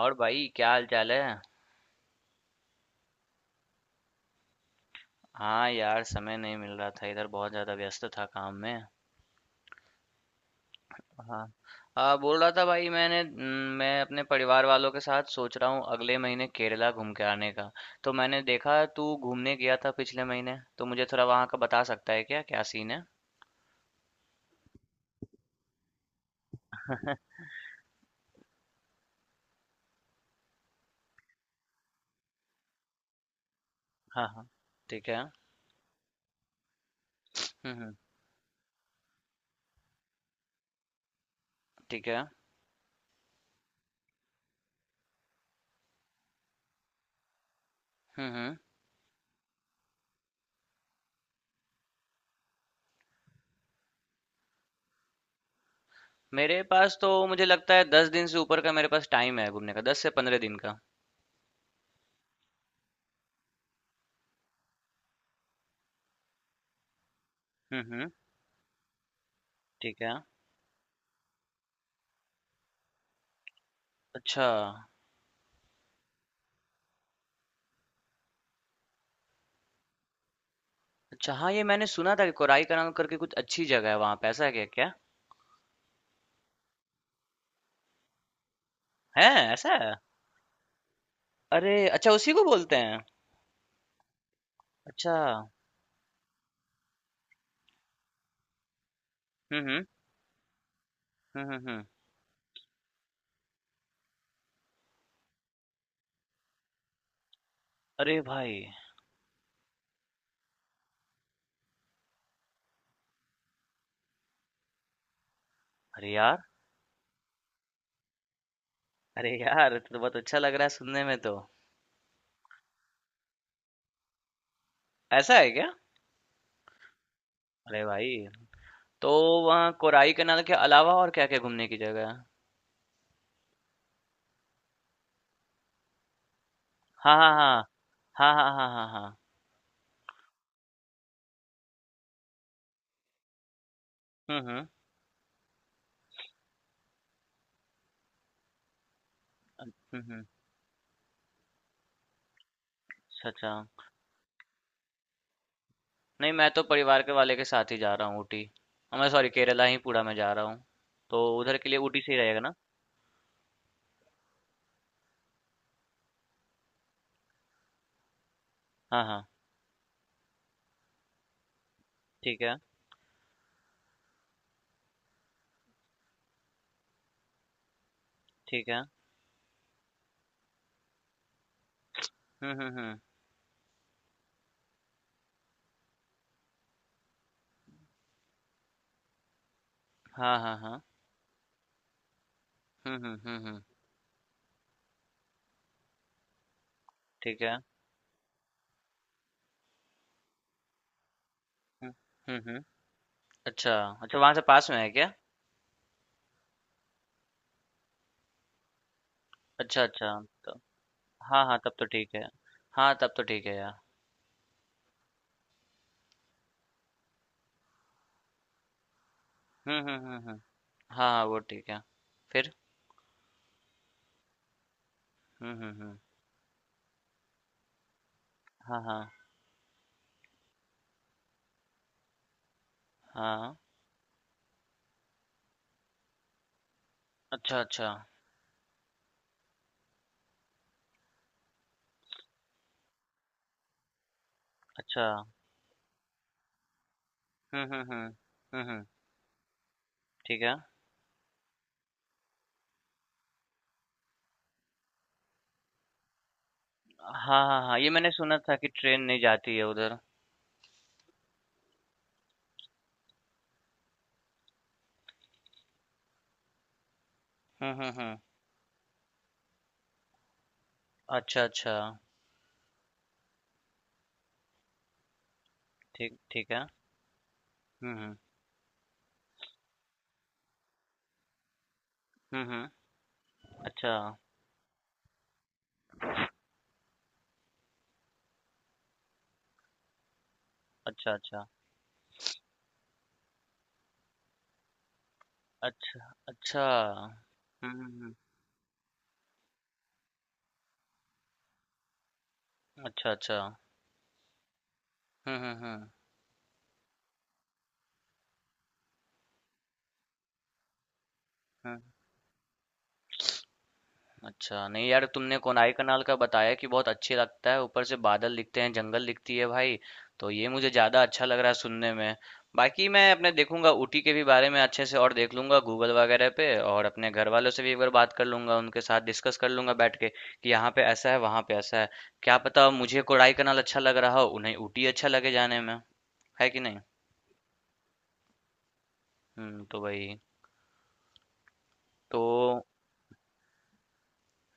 और भाई क्या हाल चाल है। हाँ यार, समय नहीं मिल रहा था, इधर बहुत ज़्यादा व्यस्त था काम में। हाँ, हाँ बोल रहा था भाई, मैंने मैं अपने परिवार वालों के साथ सोच रहा हूँ अगले महीने केरला घूम के आने का। तो मैंने देखा तू घूमने गया था पिछले महीने, तो मुझे थोड़ा वहाँ का बता सकता है क्या क्या सीन है। हाँ हाँ। ठीक है। हम्म। हम्म। ठीक है। हम्म। मेरे पास तो मुझे लगता है 10 दिन से ऊपर का मेरे पास टाइम है घूमने का, 10 से 15 दिन का। हम्म। ठीक है। अच्छा अच्छा। हाँ, ये मैंने सुना था कि कोराई कनाल करके कुछ अच्छी जगह है वहां पे, ऐसा है क्या क्या। है ऐसा है? अरे अच्छा, उसी को बोलते हैं। अच्छा। हम्म हम्म हम्म हम्म हम्म। अरे भाई। अरे यार। अरे यार, तो बहुत अच्छा लग रहा है सुनने में तो। ऐसा है क्या? अरे भाई, तो वहाँ कोराई कनाल के अलावा और क्या क्या घूमने की जगह है। हाँ हाँ। हाँ हाँ हाँ हाँ हाँ हाँ। हम्म। हम्म हम्म। अच्छा अच्छा। नहीं, मैं तो परिवार के वाले के साथ ही जा रहा हूँ ऊटी। हाँ, मैं सॉरी, केरला ही पूरा में जा रहा हूँ। तो उधर के लिए ऊटी से ही रहेगा ना। हाँ हाँ। ठीक है, ठीक है। हुँ, हुँ, हुँ। हाँ, हाँ, हाँ। हुँ, हुँ, हुँ, हुँ। ठीक है। हुँ, हुँ, हुँ। अच्छा, अच्छा वहाँ से पास में है क्या? अच्छा, अच्छा तो हाँ, हाँ, तब तो ठीक है। हाँ, तब तो ठीक है यार। हुँ, हुँ, हुँ, हुँ। हाँ, हाँ, वो ठीक है। फिर? हुँ, हुँ, हुँ। हाँ, हाँ, हाँ। अच्छा, अच्छा, अच्छा। हुँ, हुँ, हुँ। हुँ, हुँ। ठीक है। हाँ, हाँ, हाँ, ये मैंने सुना था कि ट्रेन नहीं जाती है उधर। हुँ, हुँ, हुँ। अच्छा, अच्छा। ठीक ठीक है। हुँ, हुँ। हुँ, हुँ। अच्छा, अच्छा, अच्छा। अच्छा, अच्छा। हुँ, हुँ, हुँ। अच्छा, अच्छा। हुँ, हुँ, हुँ। हुँ। अच्छा, नहीं यार, तुमने कोनाई कनाल का बताया कि बहुत अच्छी लगता है, ऊपर से बादल दिखते हैं, जंगल दिखती है भाई, तो ये मुझे ज़्यादा अच्छा लग रहा है सुनने में। बाकी मैं अपने देखूंगा ऊटी के भी बारे में अच्छे से, और देख लूंगा गूगल वगैरह पे, और अपने घर वालों से भी एक बार बात कर लूंगा, उनके साथ डिस्कस कर लूंगा बैठ के, कि यहाँ पे ऐसा है, वहाँ पे ऐसा है। क्या पता मुझे कोनाई कनाल अच्छा लग रहा हो, उन्हें ऊटी अच्छा लगे जाने में, है कि नहीं? हुँ, तो वही। तो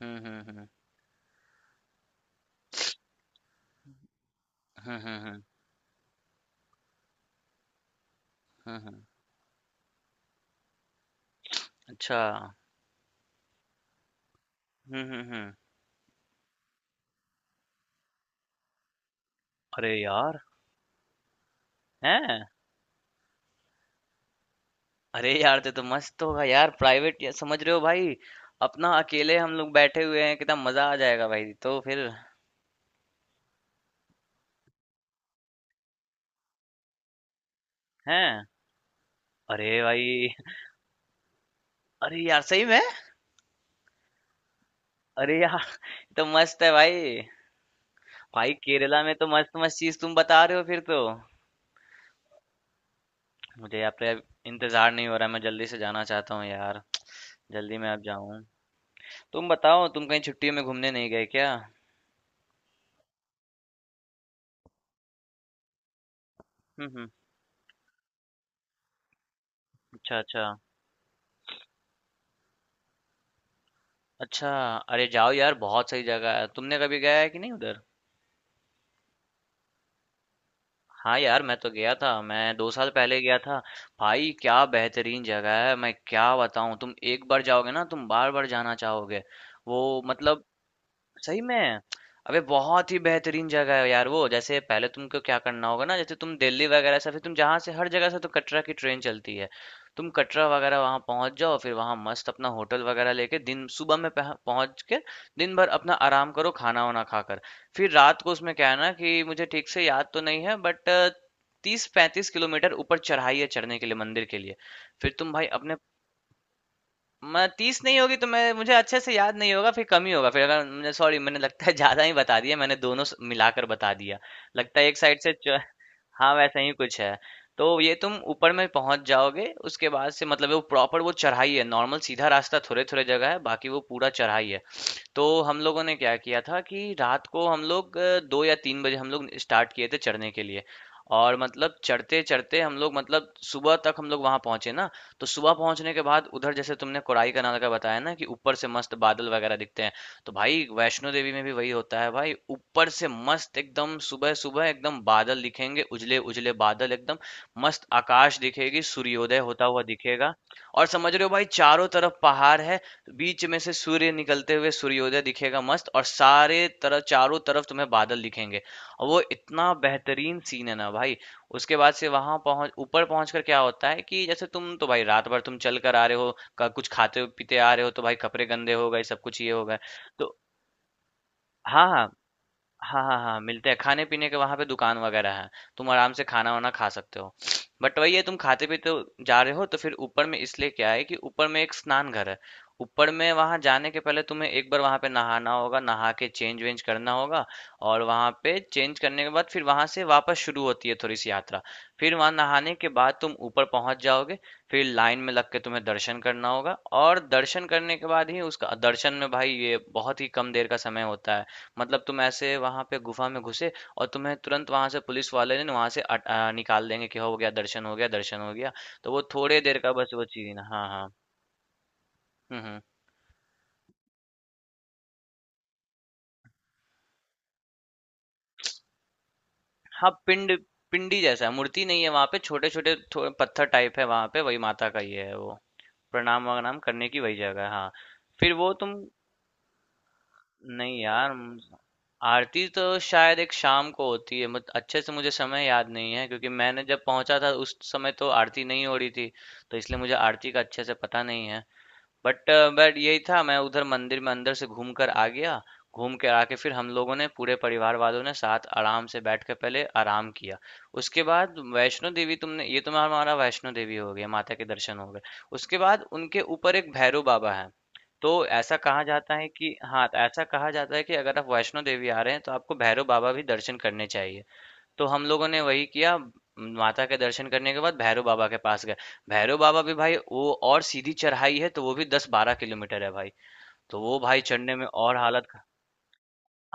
हुँ, हुँ, हुँ। हुँ, हुँ, हुँ। हुँ, हुँ। अच्छा। हुँ, हुँ, हुँ। अरे यार! हैं? अरे यार! ये तो मस्त होगा यार, प्राइवेट या, समझ रहे हो भाई, अपना अकेले हम लोग बैठे हुए हैं, कितना मजा आ जाएगा भाई, तो फिर। हैं? अरे भाई! अरे यार सही में? अरे यार! ये तो मस्त है भाई। भाई केरला में तो मस्त-मस्त चीज़ तुम बता रहे हो फिर तो। मुझे यहाँ पे इंतज़ार नहीं हो रहा, मैं जल्दी से जाना चाहता हूँ यार। जल्दी मैं अब जाऊँ। तुम बताओ, तुम कहीं छुट्टियों में घूमने नहीं गए क्या? हुँ, हुँ। अच्छा, अच्छा। अच्छा, अरे जाओ यार, बहुत सही जगह है। तुमने कभी गया है कि नहीं उधर? हाँ यार, मैं तो गया था, मैं 2 साल पहले गया था। भाई क्या बेहतरीन जगह है, मैं क्या बताऊँ, तुम एक बार जाओगे ना तुम बार बार जाना चाहोगे। वो मतलब। सही में? अबे बहुत ही बेहतरीन जगह है यार वो। जैसे पहले तुमको क्या करना होगा ना, जैसे तुम दिल्ली वगैरह से, फिर तुम जहाँ से हर जगह से तो कटरा की ट्रेन चलती है। तुम कटरा वगैरह वहाँ पहुँच जाओ, फिर वहाँ मस्त अपना होटल वगैरह लेके दिन सुबह में पहुँच के दिन भर अपना आराम करो, खाना वाना खाकर। फिर रात को उसमें क्या है ना कि मुझे ठीक से याद तो नहीं है, बट 30-35 किलोमीटर ऊपर चढ़ाई है चढ़ने के लिए मंदिर के लिए। फिर तुम भाई अपने, मैं 30 नहीं होगी तो, मैं मुझे अच्छे से याद नहीं होगा, फिर कम ही होगा। फिर अगर मुझे सॉरी, मैंने लगता है ज्यादा ही बता दिया, मैंने दोनों मिलाकर बता दिया लगता है, एक साइड से हाँ वैसा ही कुछ है। तो ये तुम ऊपर में पहुंच जाओगे, उसके बाद से मतलब वो प्रॉपर वो चढ़ाई है, नॉर्मल सीधा रास्ता थोड़े थोड़े जगह है, बाकी वो पूरा चढ़ाई है। तो हम लोगों ने क्या किया था कि रात को हम लोग 2 या 3 बजे हम लोग स्टार्ट किए थे चढ़ने के लिए। और मतलब चढ़ते चढ़ते हम लोग, मतलब सुबह तक हम लोग वहां पहुंचे ना। तो सुबह पहुंचने के बाद उधर जैसे तुमने कोराई कनाल का बताया ना कि ऊपर से मस्त बादल वगैरह दिखते हैं, तो भाई वैष्णो देवी में भी वही होता है भाई। ऊपर से मस्त एकदम सुबह सुबह एकदम बादल दिखेंगे, उजले उजले बादल एकदम मस्त, आकाश दिखेगी, सूर्योदय होता हुआ दिखेगा। और समझ रहे हो भाई चारों तरफ पहाड़ है, तो बीच में से सूर्य निकलते हुए सूर्योदय दिखेगा मस्त, और सारे तरफ चारों तरफ तुम्हें बादल दिखेंगे, और वो इतना बेहतरीन सीन है ना भाई। उसके बाद से वहां पहुंच ऊपर पहुंच कर क्या होता है कि जैसे तुम तो भाई रात भर तुम चल कर आ रहे हो, कुछ खाते पीते आ रहे हो, तो भाई कपड़े गंदे हो गए, सब कुछ ये हो गए। तो हाँ हाँ। हाँ, हाँ, हाँ, मिलते हैं खाने-पीने के, वहाँ पे दुकान वगैरह है, तुम आराम से खाना-वाना खा सकते हो। बट वही है, तुम खाते-पीते जा रहे हो, तो फिर ऊपर में इसलिए क्या है कि ऊपर में एक स्नान घर है। ऊपर में वहाँ जाने के पहले तुम्हें एक बार वहाँ पे नहाना होगा, नहा के चेंज वेंज करना होगा। और वहाँ पे चेंज करने के बाद फिर वहाँ से वापस शुरू होती है थोड़ी सी यात्रा। फिर वहाँ नहाने के बाद तुम ऊपर पहुँच जाओगे, फिर लाइन में लग के तुम्हें दर्शन करना होगा। और दर्शन करने के बाद ही, उसका दर्शन में भाई ये बहुत ही कम देर का समय होता है। मतलब तुम ऐसे वहां पे गुफा में घुसे, और तुम्हें तुरंत वहां से पुलिस वाले ने वहां से निकाल देंगे कि हो गया दर्शन, हो गया दर्शन, हो गया। तो वो थोड़े देर का बस वो चीज। हाँ हाँ। हम्म। हाँ, पिंड, पिंडी जैसा है, मूर्ति नहीं है वहां पे, छोटे छोटे थोड़े पत्थर टाइप है वहां पे, वही माता का ही है वो, प्रणाम वनाम करने की वही जगह है हाँ। फिर वो तुम। नहीं यार, आरती तो शायद एक शाम को होती है, मत अच्छे से मुझे समय याद नहीं है, क्योंकि मैंने जब पहुंचा था उस समय तो आरती नहीं हो रही थी, तो इसलिए मुझे आरती का अच्छे से पता नहीं है। बट बट यही था, मैं उधर मंदिर में अंदर से घूम कर आ गया, घूम के आके फिर हम लोगों ने पूरे परिवार वालों ने साथ आराम से बैठ के पहले आराम किया। उसके बाद वैष्णो देवी, तुमने ये, तुम्हारा हमारा वैष्णो देवी हो गया, माता के दर्शन हो गए। उसके बाद उनके ऊपर एक भैरव बाबा है, तो ऐसा कहा जाता है कि, हाँ, ऐसा कहा जाता है कि अगर आप वैष्णो देवी आ रहे हैं तो आपको भैरव बाबा भी दर्शन करने चाहिए। तो हम लोगों ने वही किया, माता के दर्शन करने के बाद भैरव बाबा के पास गए। भैरव बाबा भी भाई वो और सीधी चढ़ाई है, तो वो भी 10-12 किलोमीटर है भाई, तो वो भाई चढ़ने में और हालत।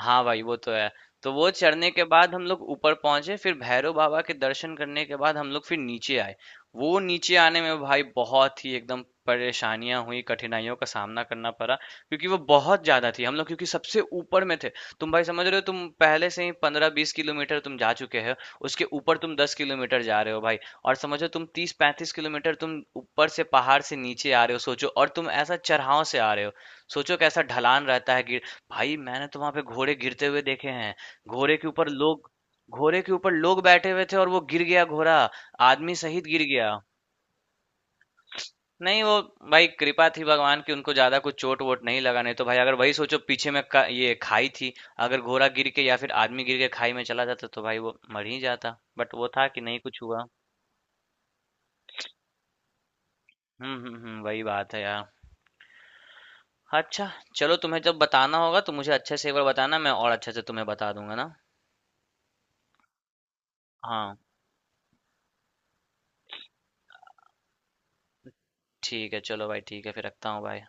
हाँ भाई वो तो है। तो वो चढ़ने के बाद हम लोग ऊपर पहुंचे, फिर भैरव बाबा के दर्शन करने के बाद हम लोग फिर नीचे आए। वो नीचे आने में भाई बहुत ही एकदम परेशानियां हुई, कठिनाइयों का सामना करना पड़ा, क्योंकि वो बहुत ज्यादा थी, हम लोग क्योंकि सबसे ऊपर में थे। तुम भाई समझ रहे हो, तुम पहले से ही 15-20 किलोमीटर तुम जा चुके हो, उसके ऊपर तुम 10 किलोमीटर जा रहे हो भाई, और समझो तुम 30-35 किलोमीटर तुम ऊपर से पहाड़ से नीचे आ रहे हो, सोचो, और तुम ऐसा चढ़ाव से आ रहे हो, सोचो कैसा ढलान रहता है। गिर, भाई मैंने तो वहां पे घोड़े गिरते हुए देखे हैं, घोड़े के ऊपर लोग, घोड़े के ऊपर लोग बैठे हुए थे और वो गिर गया घोड़ा, आदमी सहित गिर गया। नहीं वो, भाई कृपा थी भगवान की, उनको ज्यादा कुछ चोट वोट नहीं लगा, नहीं तो भाई अगर वही सोचो पीछे में का, ये खाई थी, अगर घोड़ा गिर के या फिर आदमी गिर के खाई में चला जाता तो भाई वो मर ही जाता। बट वो था कि नहीं कुछ हुआ। हम्म, वही बात है यार। अच्छा। चलो, तुम्हें जब बताना होगा तो मुझे अच्छे से एक बार बताना, मैं और अच्छे से तुम्हें बता दूंगा ना। हाँ ठीक है, चलो भाई, ठीक है, फिर रखता हूँ भाई।